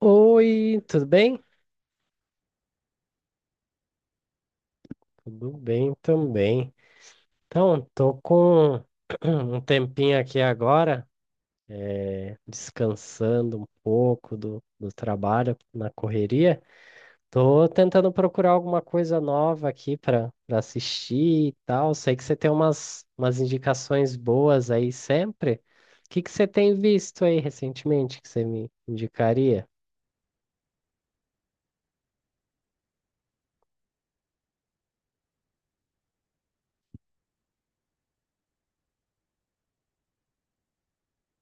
Oi, tudo bem? Tudo bem também. Então, tô com um tempinho aqui agora, descansando um pouco do trabalho na correria. Tô tentando procurar alguma coisa nova aqui para assistir e tal. Sei que você tem umas indicações boas aí sempre. O que que você tem visto aí recentemente que você me indicaria?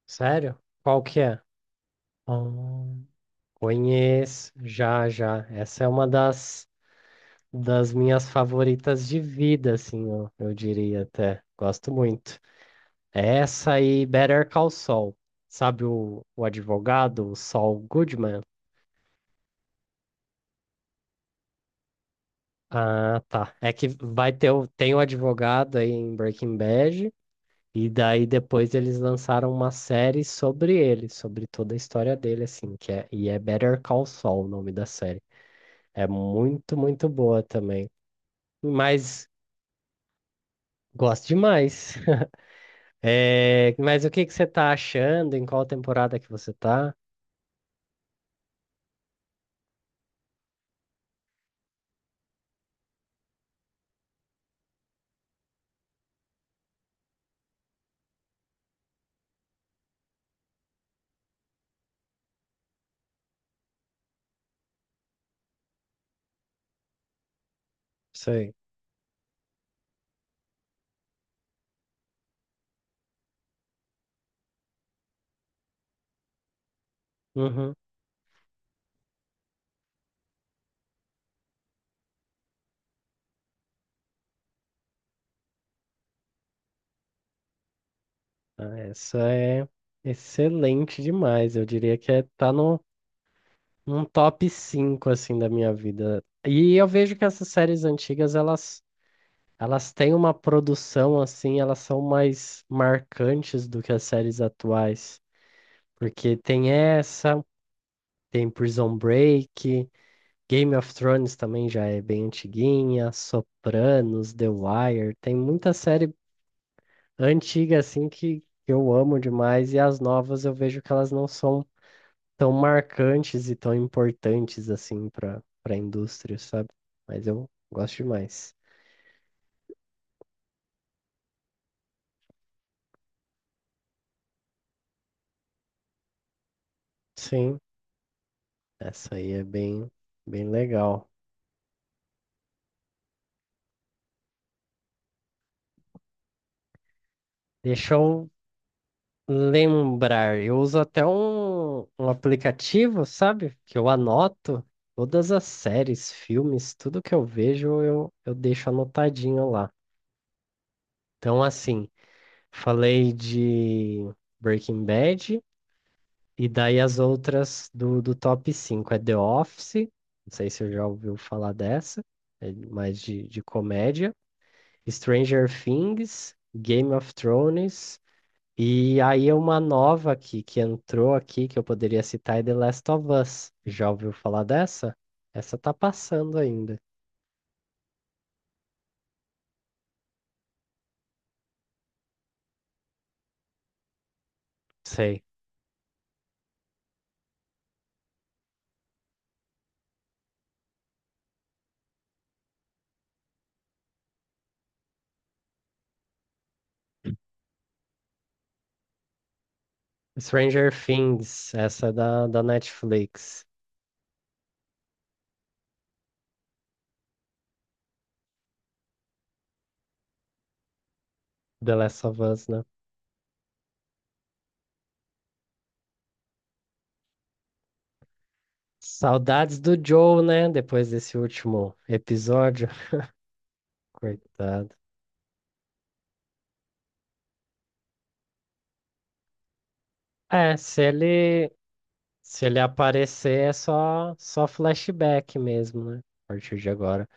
Sério? Qual que é? Ah, conheço, já. Essa é uma das das minhas favoritas de vida, assim, eu diria até. Gosto muito. É, essa e Better Call Saul. Sabe o advogado, o Saul Goodman? Ah, tá. É que vai ter o, tem o advogado aí em Breaking Bad, e daí depois eles lançaram uma série sobre ele, sobre toda a história dele, assim, que é, e é Better Call Saul o nome da série. É muito boa também. Mas gosto demais. É, mas o que que você tá achando? Em qual temporada que você tá? Sei. Uhum. Ah, essa é excelente demais. Eu diria que é, tá no, num top 5 assim, da minha vida. E eu vejo que essas séries antigas, elas têm uma produção, assim, elas são mais marcantes do que as séries atuais. Porque tem essa, tem Prison Break, Game of Thrones também já é bem antiguinha, Sopranos, The Wire, tem muita série antiga assim que eu amo demais e as novas eu vejo que elas não são tão marcantes e tão importantes assim para a indústria, sabe? Mas eu gosto demais. Sim, essa aí é bem legal. Deixa eu lembrar, eu uso até um aplicativo, sabe? Que eu anoto todas as séries, filmes, tudo que eu vejo, eu deixo anotadinho lá. Então, assim, falei de Breaking Bad, e daí as outras do top 5 é The Office, não sei se eu já ouviu falar dessa, é mais de comédia, Stranger Things, Game of Thrones. E aí uma nova aqui que entrou aqui que eu poderia citar é The Last of Us. Já ouviu falar dessa? Essa tá passando ainda. Sei. Stranger Things, essa é da, da Netflix. The Last of Us, né? Saudades do Joe, né? Depois desse último episódio. Coitado. É, se ele aparecer é só flashback mesmo, né? A partir de agora.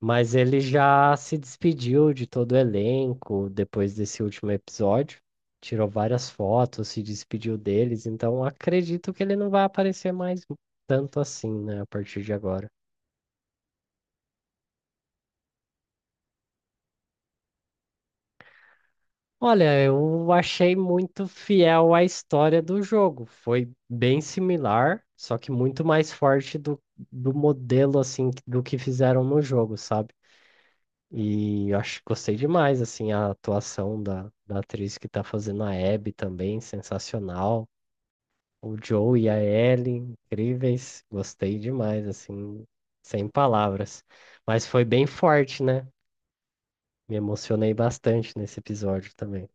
Mas ele já se despediu de todo o elenco depois desse último episódio. Tirou várias fotos, se despediu deles, então acredito que ele não vai aparecer mais tanto assim, né, a partir de agora. Olha, eu achei muito fiel à história do jogo. Foi bem similar, só que muito mais forte do, do modelo, assim, do que fizeram no jogo, sabe? E eu acho, gostei demais, assim, a atuação da, da atriz que tá fazendo a Abby também, sensacional. O Joe e a Ellie incríveis. Gostei demais, assim, sem palavras. Mas foi bem forte, né? Me emocionei bastante nesse episódio também.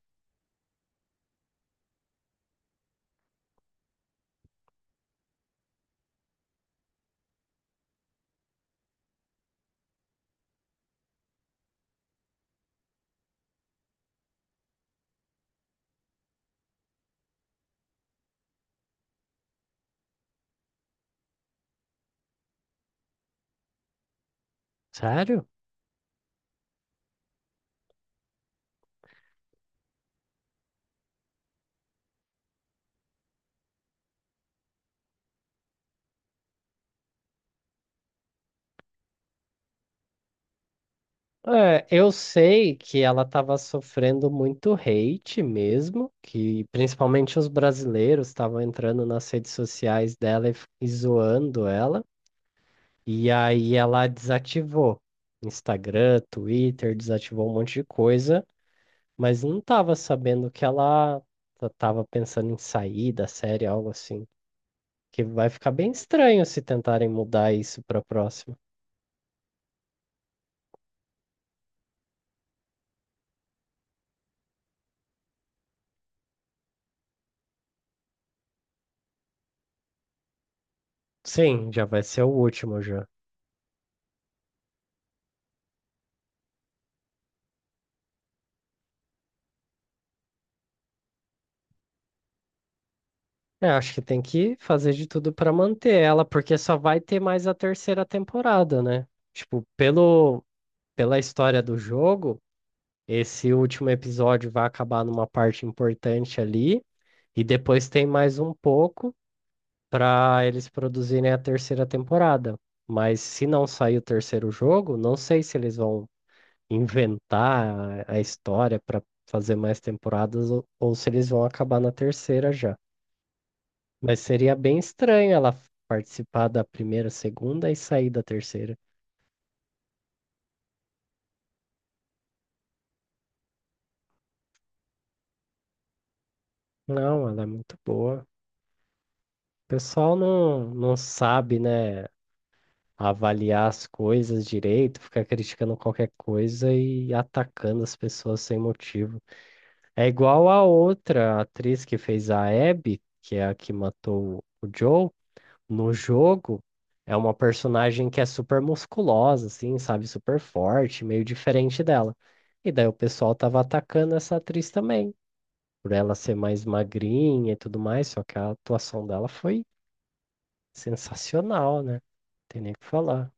Sério? É, eu sei que ela estava sofrendo muito hate mesmo, que principalmente os brasileiros estavam entrando nas redes sociais dela e zoando ela. E aí ela desativou Instagram, Twitter, desativou um monte de coisa, mas não tava sabendo que ela tava pensando em sair da série, algo assim. Que vai ficar bem estranho se tentarem mudar isso pra próxima. Sim, já vai ser o último já. É, acho que tem que fazer de tudo pra manter ela, porque só vai ter mais a terceira temporada, né? Tipo, pelo, pela história do jogo, esse último episódio vai acabar numa parte importante ali. E depois tem mais um pouco para eles produzirem a terceira temporada. Mas se não sair o terceiro jogo, não sei se eles vão inventar a história para fazer mais temporadas ou se eles vão acabar na terceira já. Mas seria bem estranho ela participar da primeira, segunda e sair da terceira. Não, ela é muito boa. O pessoal não, não sabe, né, avaliar as coisas direito, ficar criticando qualquer coisa e atacando as pessoas sem motivo. É igual a outra atriz que fez a Abby, que é a que matou o Joe, no jogo. É uma personagem que é super musculosa, assim, sabe? Super forte, meio diferente dela. E daí o pessoal tava atacando essa atriz também, por ela ser mais magrinha e tudo mais, só que a atuação dela foi sensacional, né? Tem nem o que falar.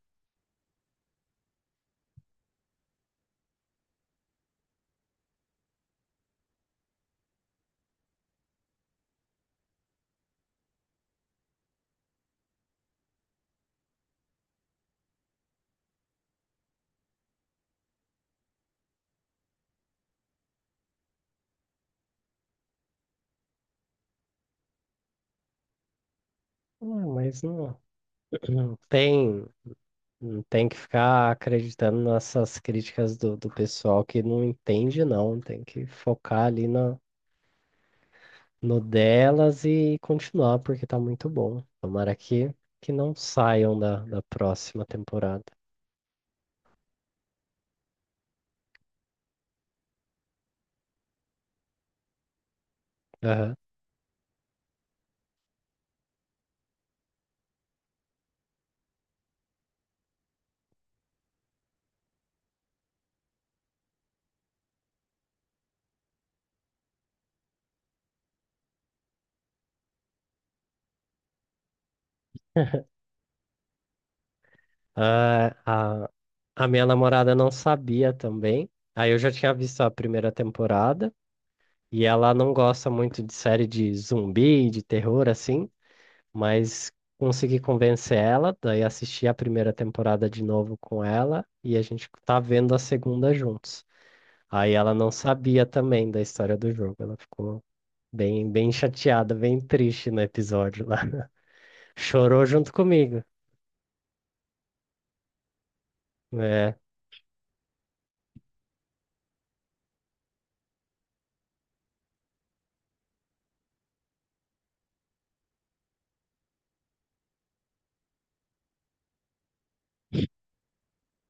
Ah, mas não, não tem, não tem que ficar acreditando nessas críticas do, do pessoal que não entende, não. Tem que focar ali na, no delas e continuar, porque tá muito bom. Tomara que não saiam da, da próxima temporada. Aham. Ah, a, a minha namorada não sabia também. Aí eu já tinha visto a primeira temporada. E ela não gosta muito de série de zumbi, de terror, assim. Mas consegui convencer ela, daí assisti a primeira temporada de novo com ela e a gente tá vendo a segunda juntos. Aí ela não sabia também da história do jogo, ela ficou bem chateada, bem triste no episódio lá. Chorou junto comigo. É,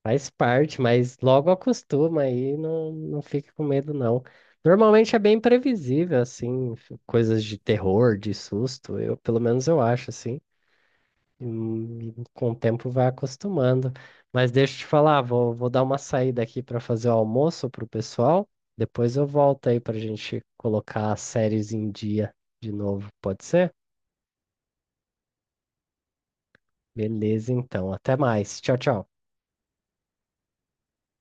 faz parte, mas logo acostuma aí, não, não fique com medo não. Normalmente é bem previsível, assim, coisas de terror, de susto, eu, pelo menos eu acho, assim. E com o tempo vai acostumando. Mas deixa eu te falar, vou dar uma saída aqui para fazer o almoço para o pessoal. Depois eu volto aí para a gente colocar as séries em dia de novo, pode ser? Beleza, então. Até mais. Tchau, tchau.